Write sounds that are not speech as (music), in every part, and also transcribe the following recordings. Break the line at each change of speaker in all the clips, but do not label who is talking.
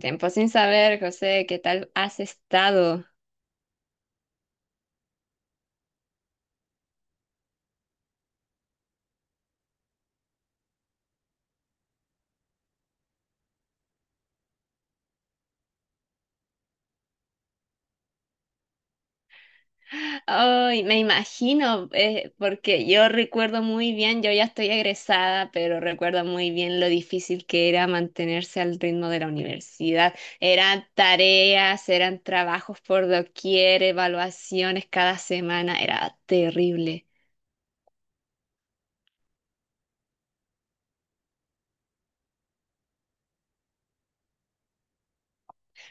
Tiempo sin saber, José, ¿qué tal has estado? Ay, me imagino, porque yo recuerdo muy bien, yo ya estoy egresada, pero recuerdo muy bien lo difícil que era mantenerse al ritmo de la universidad. Eran tareas, eran trabajos por doquier, evaluaciones cada semana, era terrible.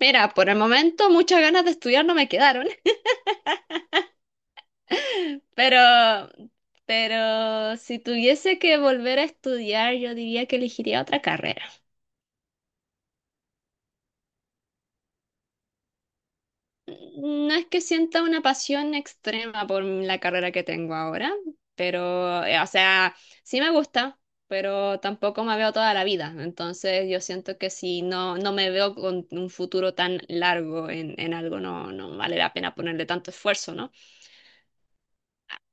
Mira, por el momento muchas ganas de estudiar no me quedaron. Pero, pero si tuviese que volver a estudiar, yo diría que elegiría otra carrera. No es que sienta una pasión extrema por la carrera que tengo ahora, pero, o sea, sí me gusta, pero tampoco me veo toda la vida. Entonces yo siento que si no, no me veo con un futuro tan largo en algo, no, no vale la pena ponerle tanto esfuerzo, ¿no?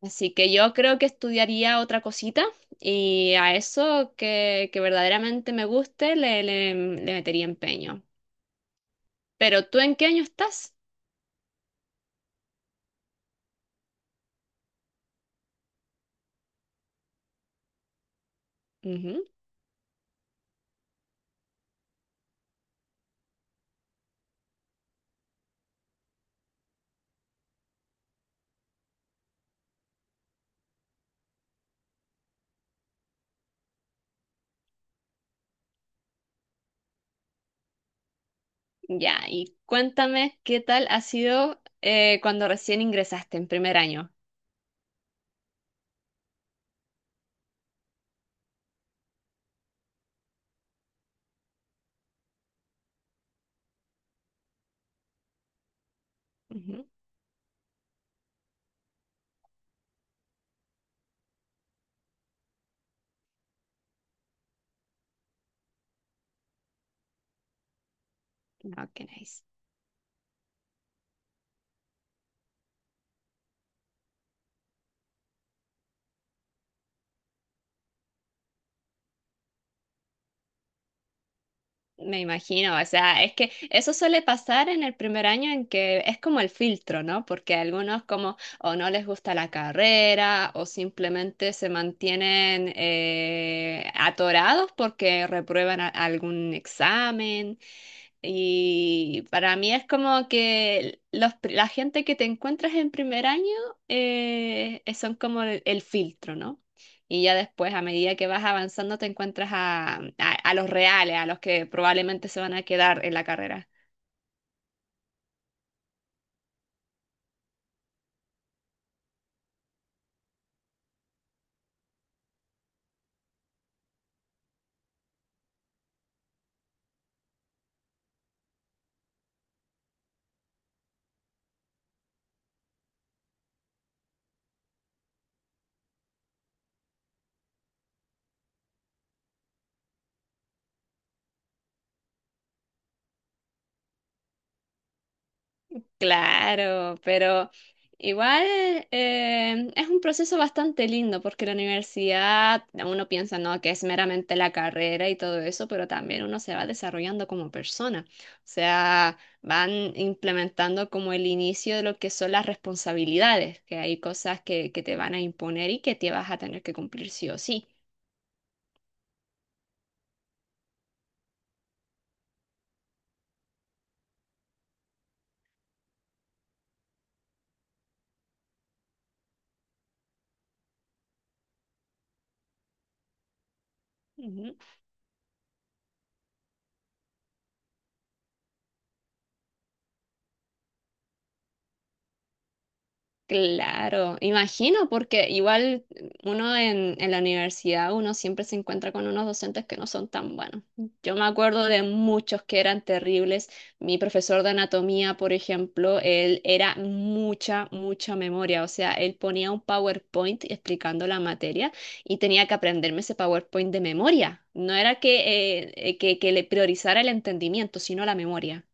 Así que yo creo que estudiaría otra cosita y a eso que verdaderamente me guste le metería empeño. Pero ¿tú en qué año estás? Ujú. Ya, y cuéntame qué tal ha sido cuando recién ingresaste en primer año. Ujú. Ok, nice. Me imagino, o sea, es que eso suele pasar en el primer año en que es como el filtro, ¿no? Porque a algunos como o no les gusta la carrera o simplemente se mantienen atorados porque reprueban algún examen. Y para mí es como que los, la gente que te encuentras en primer año son como el filtro, ¿no? Y ya después, a medida que vas avanzando, te encuentras a los reales, a los que probablemente se van a quedar en la carrera. Claro, pero igual es un proceso bastante lindo porque la universidad, uno piensa, no, que es meramente la carrera y todo eso, pero también uno se va desarrollando como persona. O sea, van implementando como el inicio de lo que son las responsabilidades, que hay cosas que te van a imponer y que te vas a tener que cumplir sí o sí. Ujú. Claro, imagino, porque igual uno en la universidad, uno siempre se encuentra con unos docentes que no son tan buenos. Yo me acuerdo de muchos que eran terribles. Mi profesor de anatomía, por ejemplo, él era mucha, mucha memoria. O sea, él ponía un PowerPoint explicando la materia y tenía que aprenderme ese PowerPoint de memoria. No era que le priorizara el entendimiento, sino la memoria.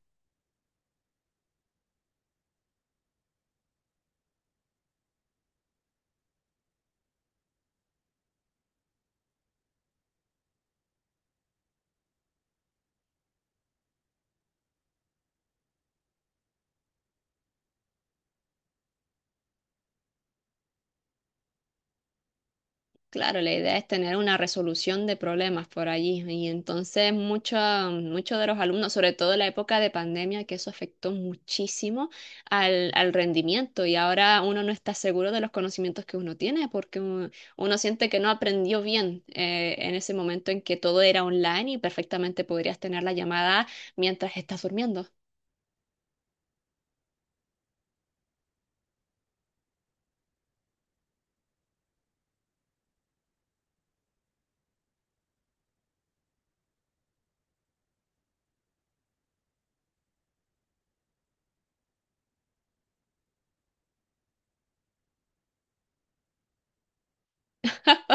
Claro, la idea es tener una resolución de problemas por allí. Y entonces muchos de los alumnos, sobre todo en la época de pandemia, que eso afectó muchísimo al, al rendimiento. Y ahora uno no está seguro de los conocimientos que uno tiene porque uno, uno siente que no aprendió bien en ese momento en que todo era online y perfectamente podrías tener la llamada mientras estás durmiendo.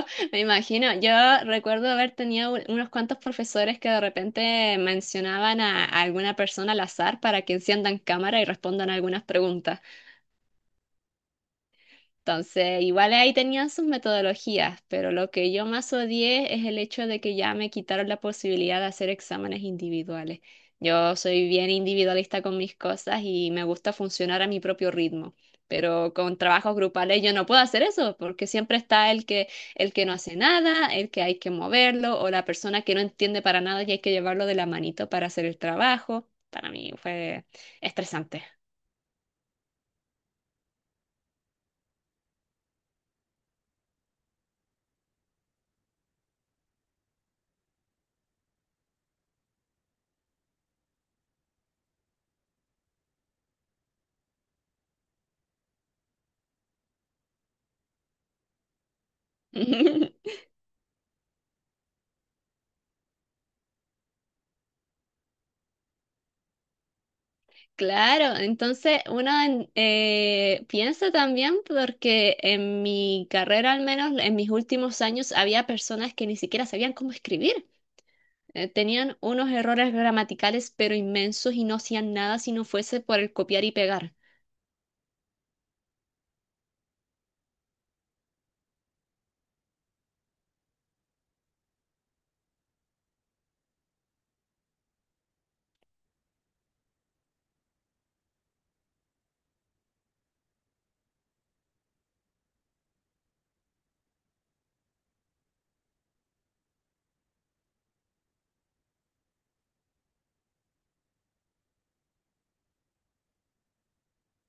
(laughs) Me imagino, yo recuerdo haber tenido unos cuantos profesores que de repente mencionaban a alguna persona al azar para que enciendan cámara y respondan algunas preguntas. Entonces, igual ahí tenían sus metodologías, pero lo que yo más odié es el hecho de que ya me quitaron la posibilidad de hacer exámenes individuales. Yo soy bien individualista con mis cosas y me gusta funcionar a mi propio ritmo, pero con trabajos grupales yo no puedo hacer eso porque siempre está el que no hace nada, el que hay que moverlo o la persona que no entiende para nada y hay que llevarlo de la manito para hacer el trabajo. Para mí fue estresante. (laughs) Claro, entonces uno piensa también porque en mi carrera, al menos en mis últimos años, había personas que ni siquiera sabían cómo escribir. Tenían unos errores gramaticales pero inmensos y no hacían nada si no fuese por el copiar y pegar.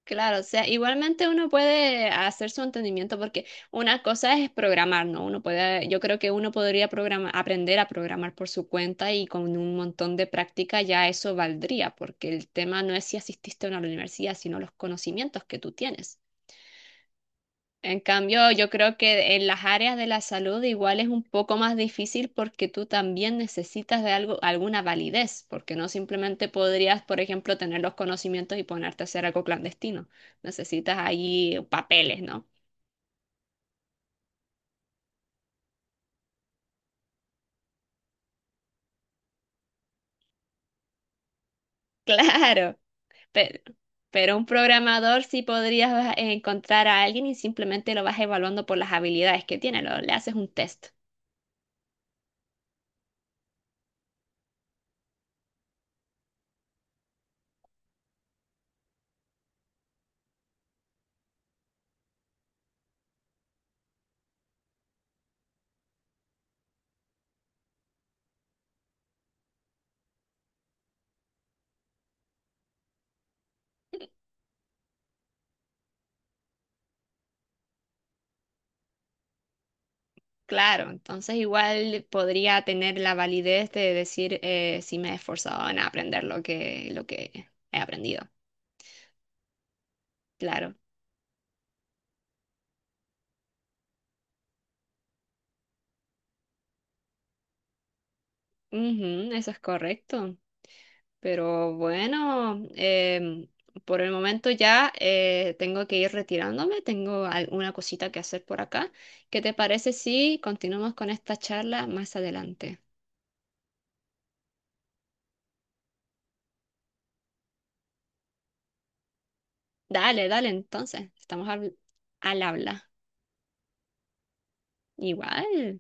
Claro, o sea, igualmente uno puede hacer su entendimiento porque una cosa es programar, ¿no? Uno puede, yo creo que uno podría aprender a programar por su cuenta y con un montón de práctica ya eso valdría, porque el tema no es si asististe o no a la universidad, sino los conocimientos que tú tienes. En cambio, yo creo que en las áreas de la salud igual es un poco más difícil porque tú también necesitas de algo, alguna validez, porque no simplemente podrías, por ejemplo, tener los conocimientos y ponerte a hacer algo clandestino. Necesitas ahí papeles, ¿no? (laughs) Claro, pero, pero un programador sí podrías encontrar a alguien y simplemente lo vas evaluando por las habilidades que tiene, le haces un test. Claro, entonces igual podría tener la validez de decir si me he esforzado en aprender lo que he aprendido. Claro, ujú, eso es correcto. Pero bueno, por el momento ya tengo que ir retirándome, tengo alguna cosita que hacer por acá. ¿Qué te parece si continuamos con esta charla más adelante? Dale, dale, entonces, estamos al al habla. Igual.